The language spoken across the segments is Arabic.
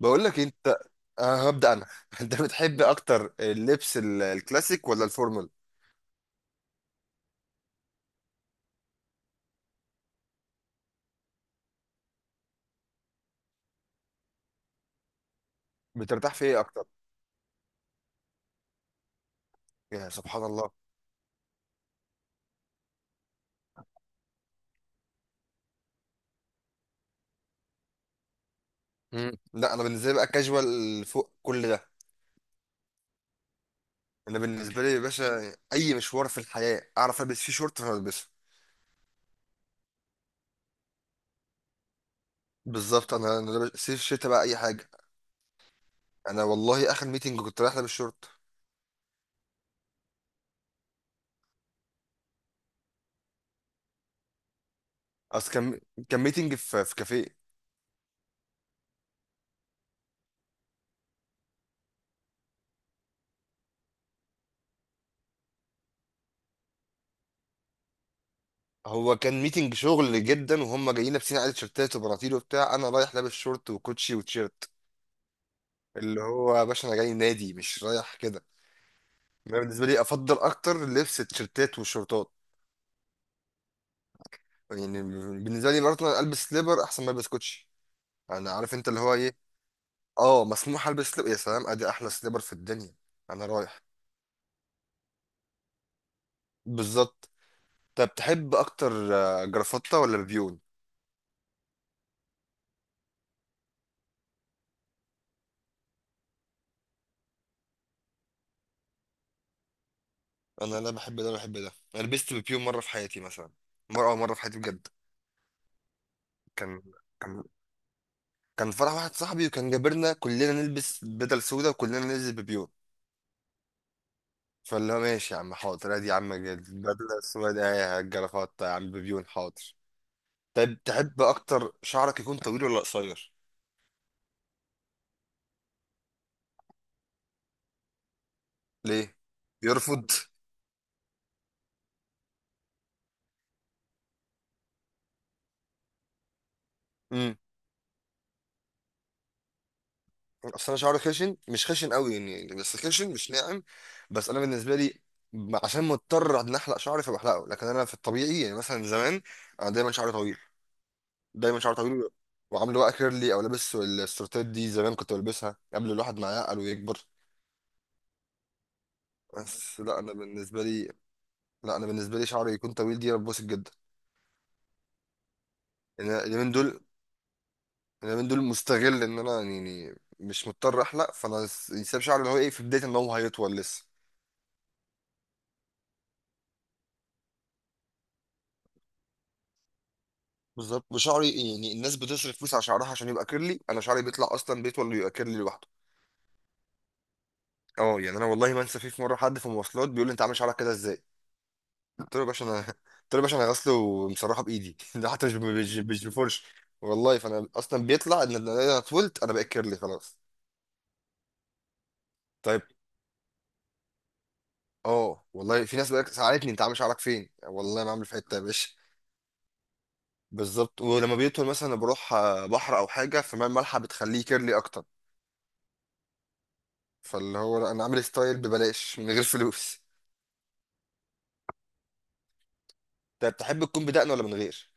بقول لك انت. هبدأ انا. انت بتحب اكتر اللبس الكلاسيك ولا الفورمال؟ بترتاح في ايه اكتر؟ يا سبحان الله. مم. لا، انا بالنسبه لي بقى كاجوال فوق كل ده. انا بالنسبه لي يا باشا اي مشوار في الحياه اعرف البس فيه شورت فانا البسه. بالظبط. انا صيف شتا بقى اي حاجه. انا والله اخر ميتنج كنت رايح لابس شورت. اصل كان ميتنج في كافيه. هو كان ميتنج شغل جدا، وهم جايين لابسين عادي تيشيرتات وبناطيل وبتاع، انا رايح لابس شورت وكوتشي وتيشيرت. اللي هو يا باشا انا جاي نادي، مش رايح كده. انا بالنسبه لي افضل اكتر لبس التيشيرتات والشورتات يعني. بالنسبه لي برضه انا البس سليبر احسن ما البس كوتشي. انا عارف انت اللي هو ايه. اه، مسموح البس سليبر، يا سلام، ادي احلى سليبر في الدنيا. انا رايح. بالظبط. طب تحب اكتر جرافطه ولا بيبيون؟ انا لا بحب ده بحب ده، انا لبست بيبيون مره في حياتي مثلا. مره، اول مره في حياتي بجد. كان كان كان فرح واحد صاحبي، وكان جابرنا كلنا نلبس بدل سودا وكلنا نلبس بيبيون. فاللي هو ماشي يا عم حاضر، ادي يا عم البدله السوداء، اهي الجرافات يا عم بيبيون حاضر. طيب تحب اكتر شعرك يكون طويل ولا قصير؟ ليه يرفض؟ امم. اصل انا شعري خشن، مش خشن قوي يعني، بس خشن مش ناعم. بس انا بالنسبه لي، عشان مضطر ان احلق شعري فبحلقه، لكن انا في الطبيعي يعني مثلا زمان انا دايما شعري طويل، دايما شعري طويل. وعامله بقى كيرلي، او لابس السورتات دي، زمان كنت بلبسها قبل الواحد ما يعقل ويكبر. بس لا انا بالنسبه لي لا انا بالنسبه لي شعري يكون طويل، دي انا ببسط جدا. لان أنا اليومين دول مستغل ان انا، يعني مش مضطر احلق، فانا ساب شعري اللي هو ايه في بدايه ان هو هيطول لسه. بالظبط، وشعري، يعني الناس بتصرف فلوس على شعرها عشان يبقى كيرلي، انا شعري بيطلع اصلا بيطول ويبقى كيرلي لوحده. اه يعني انا والله ما انسى، فيه في مره حد في المواصلات بيقول لي انت عامل شعرك كده ازاي؟ قلت له يا باشا انا قلت له يا باشا انا غسله ومسرحه بايدي. ده حتى مش مش بفرش. والله فانا اصلا بيطلع ان انا طولت، انا بقيت كيرلي خلاص. طيب. اه والله في ناس بقى سألتني انت عامل شعرك فين؟ والله ما عامل في حته يا باشا. بالظبط، ولما بيطول مثلا بروح بحر او حاجه، فماء المالحه بتخليه كيرلي اكتر. فاللي هو لا، انا عامل ستايل ببلاش من غير فلوس. انت بتحب تكون بدقن ولا من غير؟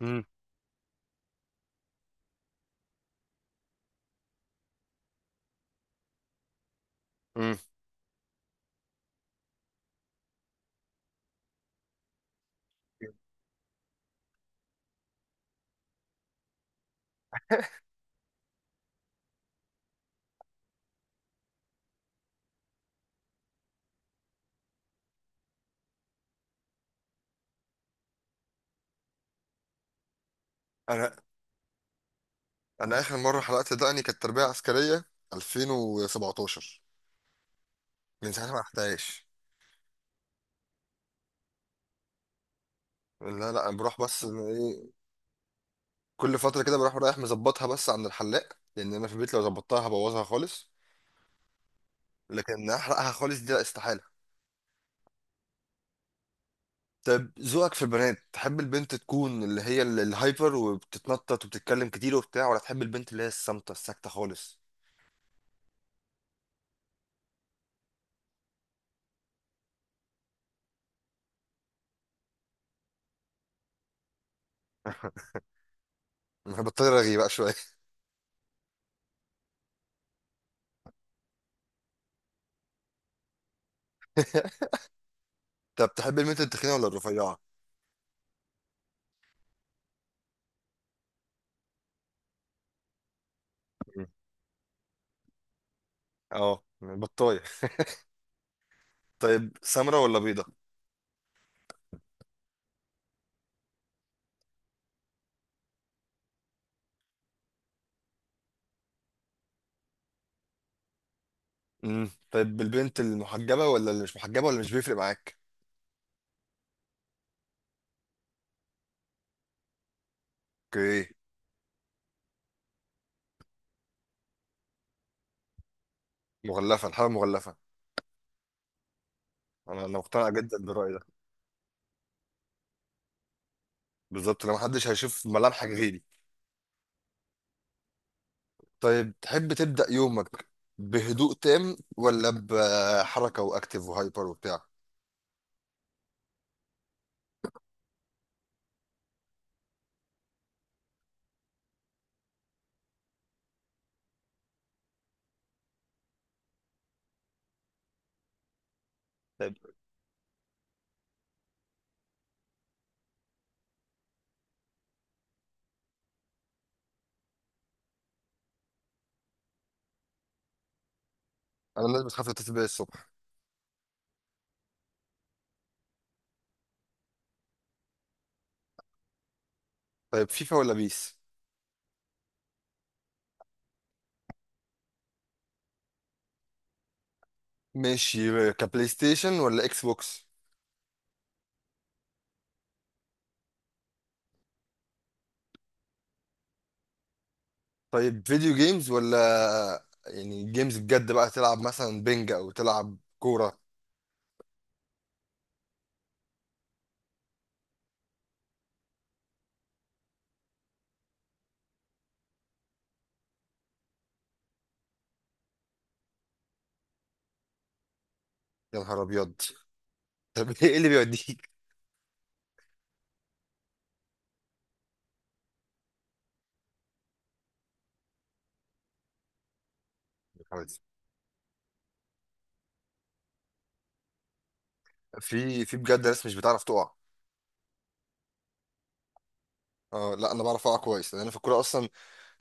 امم. امم. انا انا اخر مره حلقت دقني كانت تربيه عسكريه 2017. من ساعتها ما رحتهاش. لا لا، انا بروح، بس إن ايه. كل فتره كده بروح رايح مظبطها بس عند الحلاق، لان انا في البيت لو ظبطتها هبوظها خالص. لكن احرقها خالص دي، لا استحاله. طب ذوقك في البنات، تحب البنت تكون اللي هي الهايبر وبتتنطط وبتتكلم كتير وبتاع، ولا تحب البنت اللي هي الصامتة الساكتة خالص؟ انا بطل رغي بقى شوية. طب تحب البنت التخينة ولا الرفيعة؟ مم. اه، بطاية. طيب سمرة ولا بيضة؟ مم. طيب البنت المحجبة ولا اللي مش محجبة ولا مش بيفرق معاك؟ اوكي. مغلفة، الحالة مغلفة. انا مقتنع جدا بالرأي ده. بالظبط، لو محدش هيشوف ملامحك غيري. طيب تحب تبدأ يومك بهدوء تام ولا بحركة وأكتف وهايبر وبتاع؟ طيب. أنا الناس بتخاف تتبع الصبح. طيب فيفا ولا بيس؟ ماشي، كبلاي ستيشن ولا إكس بوكس؟ طيب فيديو جيمز، ولا يعني جيمز بجد بقى، تلعب مثلا بينج أو تلعب كورة؟ يا نهار أبيض. طب إيه اللي بيوديك؟ في بجد ناس مش بتعرف تقع. اه لا، انا بعرف اقع كويس لان انا في الكوره اصلا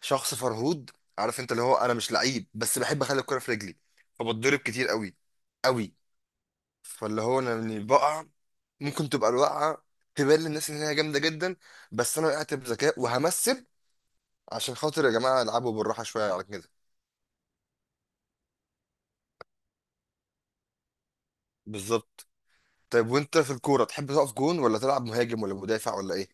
شخص فرهود. عارف انت اللي هو، انا مش لعيب، بس بحب اخلي الكرة في رجلي، فبتضرب كتير قوي، قوي. فاللي هو انا يعني بقع. ممكن تبقى الوقعة تبان للناس ان هي جامدة جدا، بس انا وقعت بذكاء وهمثل عشان خاطر يا جماعة العبوا بالراحة شوية على كده. بالظبط. طيب وانت في الكورة تحب تقف جون ولا تلعب مهاجم ولا مدافع ولا ايه؟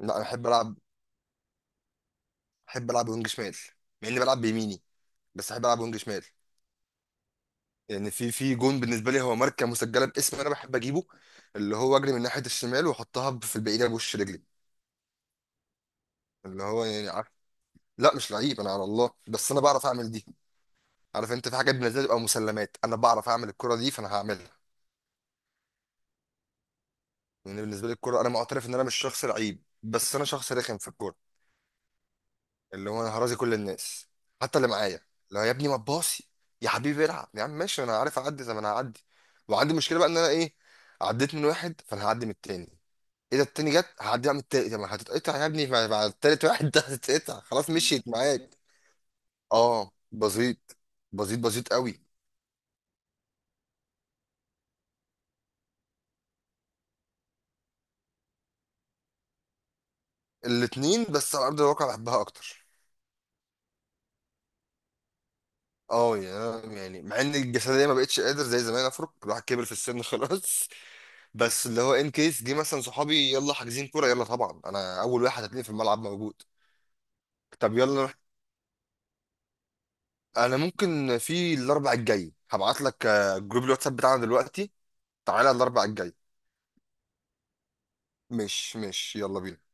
لا انا احب العب احب العب وينج شمال، مع اني بلعب بيميني، بس احب العب وينج شمال. يعني في جون بالنسبه لي هو ماركه مسجله باسم انا، بحب اجيبه اللي هو اجري من ناحيه الشمال واحطها في البعيده بوش رجلي. اللي هو يعني عارف. لا مش لعيب، انا على الله، بس انا بعرف اعمل دي. عارف انت، في حاجات بالنسبه لي بتبقى مسلمات، انا بعرف اعمل الكره دي فانا هعملها. يعني بالنسبه لي الكره، انا معترف ان انا مش شخص لعيب، بس انا شخص رخم في الكوره. اللي هو انا هرازي كل الناس، حتى اللي معايا. لا يا ابني ما تباصي، يا حبيبي العب يا عم، ماشي انا عارف اعدي زي ما انا هعدي. وعندي مشكله بقى ان انا ايه، عديت من واحد فانا هعدي من التاني، اذا التاني جت هعدي اعمل التالت، طب ما هتتقطع يا ابني مع التالت واحد ده، هتتقطع خلاص مشيت معاك. اه بسيط، بسيط، بسيط قوي. الاتنين، بس على ارض الواقع بحبها اكتر. اه، يعني مع ان الجسديه ما بقتش قادر زي زمان افرق، الواحد كبر في السن خلاص. بس اللي هو ان كيس جه مثلا صحابي يلا حاجزين كوره، يلا طبعا انا اول واحد هتلاقيني في الملعب موجود. طب يلا نروح. انا ممكن في الاربع الجاي هبعت لك جروب الواتساب بتاعنا دلوقتي، تعالى الاربع الجاي. مش يلا بينا